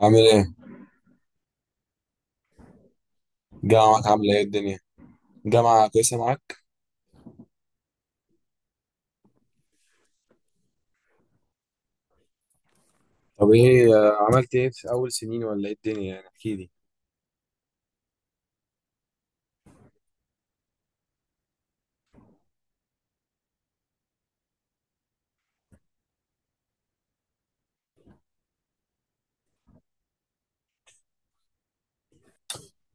عامل ايه؟ الجامعة معاك عاملة ايه الدنيا؟ الجامعة كويسة معاك؟ طب ايه عملت ايه في أول سنين ولا ايه الدنيا، يعني احكي لي.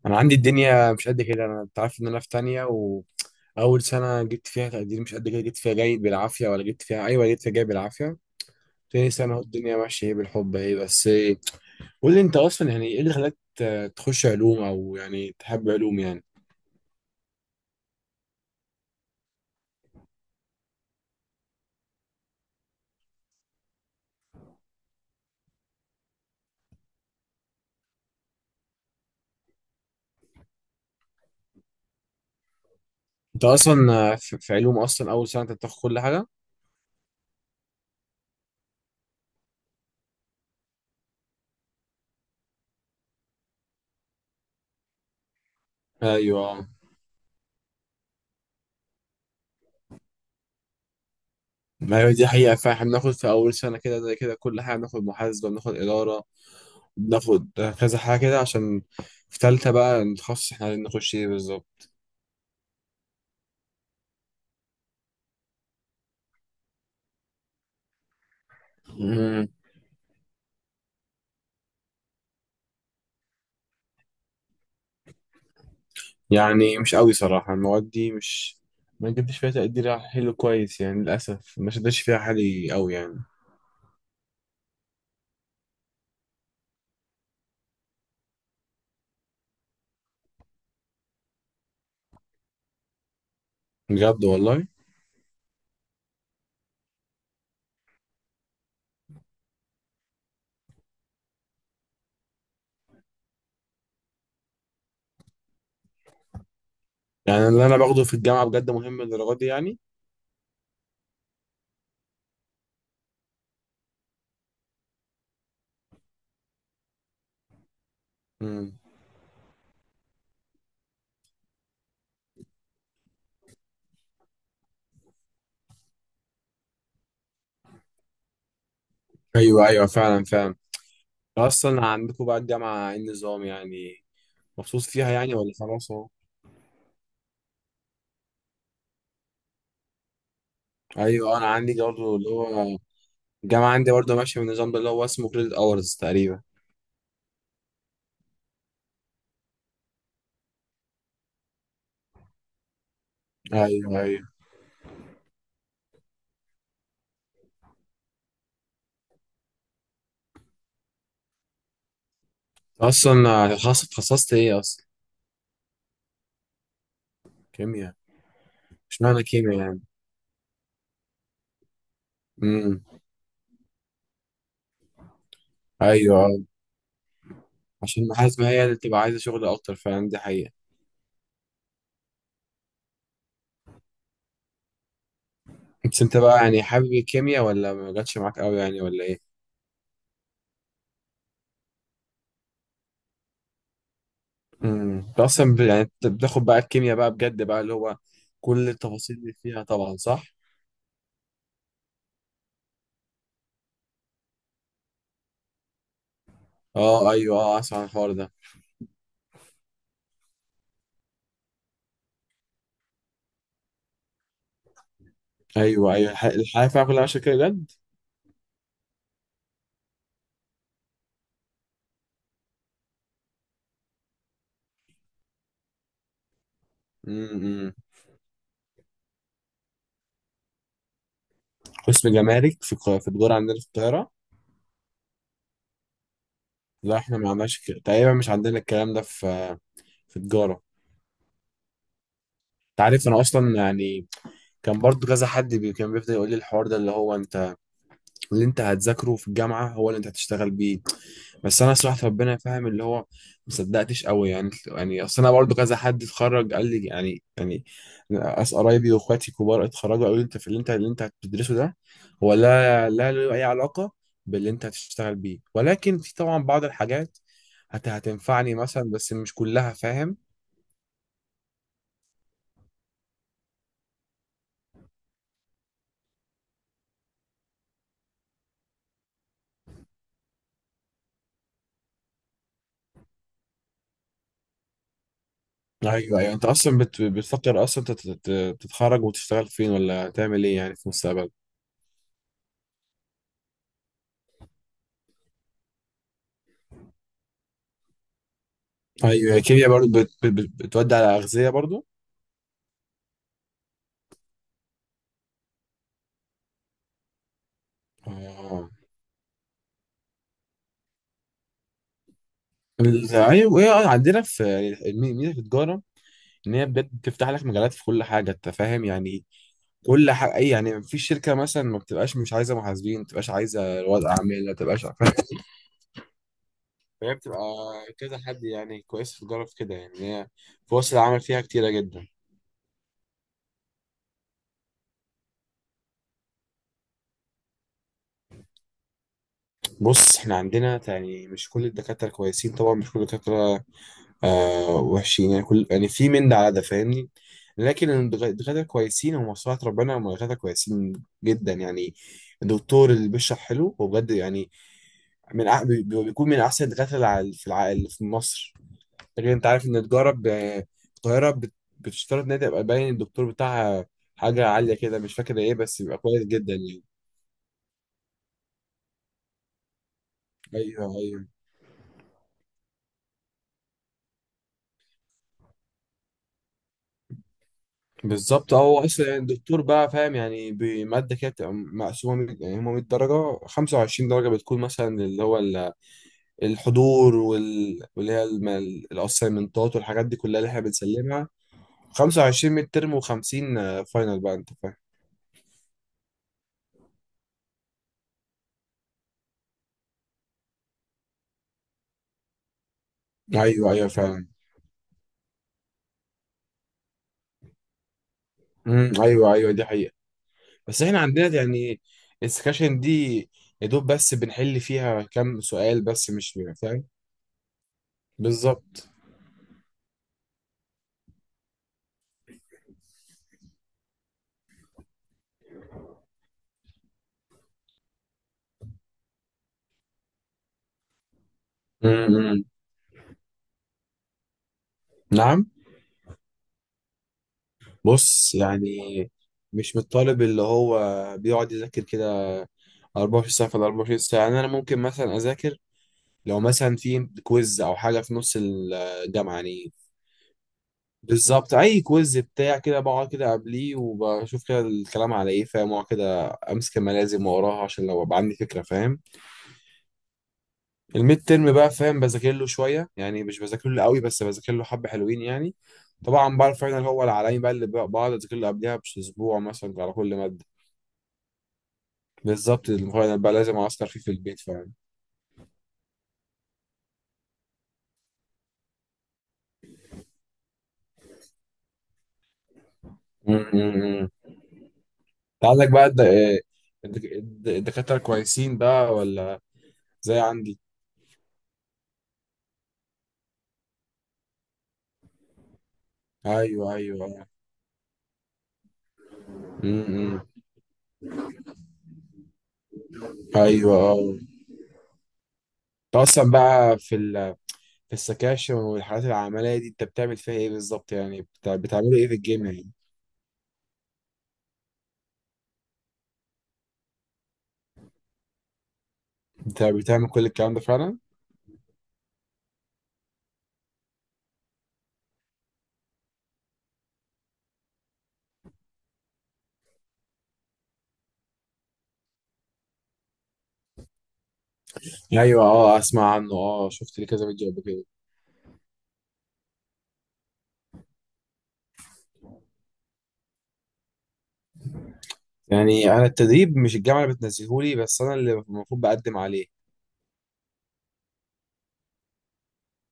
أنا عندي الدنيا مش قد كده. أنا أنت عارف إن أنا في تانية، وأول سنة جبت فيها تقدير مش قد كده، جبت فيها جيد بالعافية، ولا جبت فيها أيوة جبت فيها جيد بالعافية. تاني سنة أهو الدنيا ماشية ايه بالحب ايه، بس إيه؟ قول لي أنت أصلا يعني ايه اللي خلاك تخش علوم، أو يعني تحب علوم يعني؟ أنت أصلا في علوم أصلا أول سنة أنت بتاخد كل حاجة؟ أيوة. ما هي دي حقيقة، فاحنا بناخد في أول سنة كده زي كده كل حاجة، بناخد محاسبة بناخد إدارة بناخد كذا حاجة كده، عشان في تالتة بقى نتخصص احنا عايزين نخش ايه بالظبط. مم. يعني مش قوي صراحة المواد دي مش، ما جبتش فيها تقدير حلو كويس يعني، للأسف ما شدتش فيها حالي قوي يعني. بجد والله. يعني اللي أنا باخده في الجامعة بجد مهم للدرجة دي يعني؟ مم. أيوه أيوه، فعلا فعلا. أصلا عندكم بقى الجامعة ايه النظام، يعني مبسوط فيها يعني ولا خلاص أهو؟ ايوه انا عندي برضه اللي هو، الجامعة عندي برضه ماشية بالنظام ده اللي هو اسمه كريدت اورز تقريبا. ايوه ايوه. اصلا خاص اتخصصت ايه اصلا؟ كيمياء. مش معنى كيمياء يعني. امم. ايوه آه. عشان المحاسبة هي اللي بتبقى عايزة شغل اكتر، فعلا دي حقيقة. بس انت بقى يعني حابب الكيمياء ولا ما جاتش معاك قوي يعني ولا ايه؟ امم، انت اصلا ب- يعني أنت بتاخد بقى الكيمياء بقى بجد بقى، اللي هو كل التفاصيل اللي فيها طبعا، صح؟ اه ايوه، اه اسمع عن الحوار ده. ايوه ايوه، الحياة فيها كلها ماشية كده بجد. امم. قسم جمارك في في الدور عندنا في القاهرة. لا، احنا ما عندناش ك- تقريبا مش عندنا الكلام ده في، في تجارة. انت عارف انا اصلا يعني كان برضو كذا حد بي كان بيفضل يقول لي الحوار ده، اللي هو انت اللي انت هتذاكره في الجامعة هو اللي انت هتشتغل بيه. بس انا صراحة ربنا فاهم اللي هو، ما صدقتش قوي يعني. يعني اصل انا برضو كذا حد اتخرج قال لي، يعني يعني ناس قرايبي واخواتي كبار اتخرجوا قالوا لي انت في اللي انت اللي انت هتدرسه ده هو لا له اي علاقة باللي انت هتشتغل بيه، ولكن في طبعا بعض الحاجات هتنفعني مثلا، بس مش كلها، فاهم؟ ايوه ايوه. انت اصلا بت... بتفكر اصلا تت... تت- تتخرج وتشتغل فين، ولا تعمل ايه يعني في المستقبل؟ ايوه الكيمياء برضو بت... بت... بت- بتودي على اغذيه برضو. اه ايوه عندنا في ميزه في التجاره ان هي بجد بتفتح لك مجالات في كل حاجه، انت فاهم يعني كل حاجه، اي يعني في شركه مثلا ما بتبقاش مش عايزه محاسبين، ما بتبقاش عايزه رواد اعمال، ما بتبقاش فاهم؟ فهي بتبقى كذا حد يعني كويس في التجاره في كده، يعني إن هي فرص العمل فيها كتيره جدا. بص احنا عندنا يعني مش كل الدكاترة كويسين طبعا، مش كل الدكاترة وحشين يعني، كل يعني في من ده على ده فاهمني؟ لكن الدكاترة كويسين، ومصلحة ربنا هم دكاترة كويسين جدا يعني. الدكتور اللي بيشرح حلو هو بجد يعني من أح- بي- بي- بيكون من أحسن الدكاترة اللي في اللي في مصر. لكن أنت عارف إن تجارة القاهرة بتشترط إن هي تبقى باين الدكتور بتاعها حاجة عالية كده، مش فاكر إيه، بس بيبقى كويس جدا يعني. أيوه أيوه. بالظبط. هو اصلا يعني الدكتور بقى فاهم يعني بماده كده بتبقى مقسومه مية- يعني هم 100 درجه، 25 درجه بتكون مثلا اللي هو الحضور واللي هي الاسايمنتات والحاجات دي كلها اللي احنا بنسلمها، 25 ميد ترم، و50 فاينل بقى، انت فاهم؟ ايوه ايوه فعلا. ايوه ايوه، دي حقيقه. بس احنا عندنا يعني السكاشن دي يا دوب بس بنحل فيها كام سؤال بس، مش فاهم. بالظبط. امم. نعم. بص يعني مش من الطالب اللي هو بيقعد يذاكر كده 24 ساعة في ال 24 ساعة. يعني أنا ممكن مثلا أذاكر لو مثلا في كويز أو حاجة في نص الجامعة يعني. بالظبط. أي كويز بتاع كده بقعد كده قبليه وبشوف كده الكلام على إيه، فاهم؟ وأقعد كده أمسك الملازم وأقراها عشان لو أبقى عندي فكرة، فاهم؟ الميد ترم بقى فاهم بذاكر له شوية، يعني مش بذاكر له قوي بس بذاكر له حبة حلوين يعني. طبعا بقى الفاينل هو العالمي بقى اللي بقعد أذاكر له قبلها بأسبوع مثلا على كل مادة. بالظبط، المقارنة بقى لازم أعسكر فيه في البيت فعلا. م. أنت عندك بقى الدكاترة كويسين بقى ولا، زي عندي؟ أيوه أيوه أيوه. م- م. أيوه أه. أنت أصلا بقى في ال... في السكاشن والحالات العملية دي أنت بتعمل فيها إيه بالظبط، يعني بتع... بتعمل إيه في الجيم يعني؟ أنت بتعمل كل الكلام ده فعلا؟ أيوه أه، أسمع عنه أه، شفت لي كذا فيديو قبل كده. يعني أنا التدريب مش الجامعة اللي بتنزلهولي، بس أنا اللي المفروض بقدم عليه.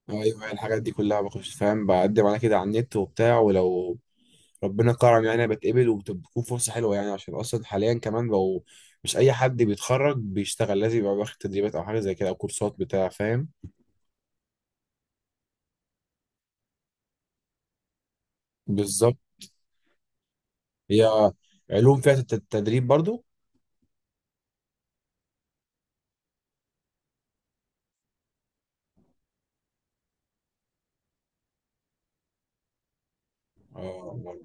ايوه الحاجات دي كلها بخش فاهم بقدم على كده على النت وبتاع، ولو ربنا كرم يعني أنا بتقبل وبتكون فرصه حلوه يعني، عشان اصلا حاليا كمان بقوا مش اي حد بيتخرج بيشتغل، لازم يبقى واخد تدريبات او حاجه زي كده او كورسات بتاع فاهم. بالظبط. هي علوم فيها تدريب برضو؟ اه والله.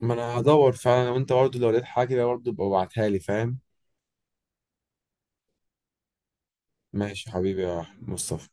ما انا هدور فعلا، وانت برضو لو لقيت حاجه برضو ابقى ابعتها لي، فاهم؟ ماشي حبيبي يا مصطفى.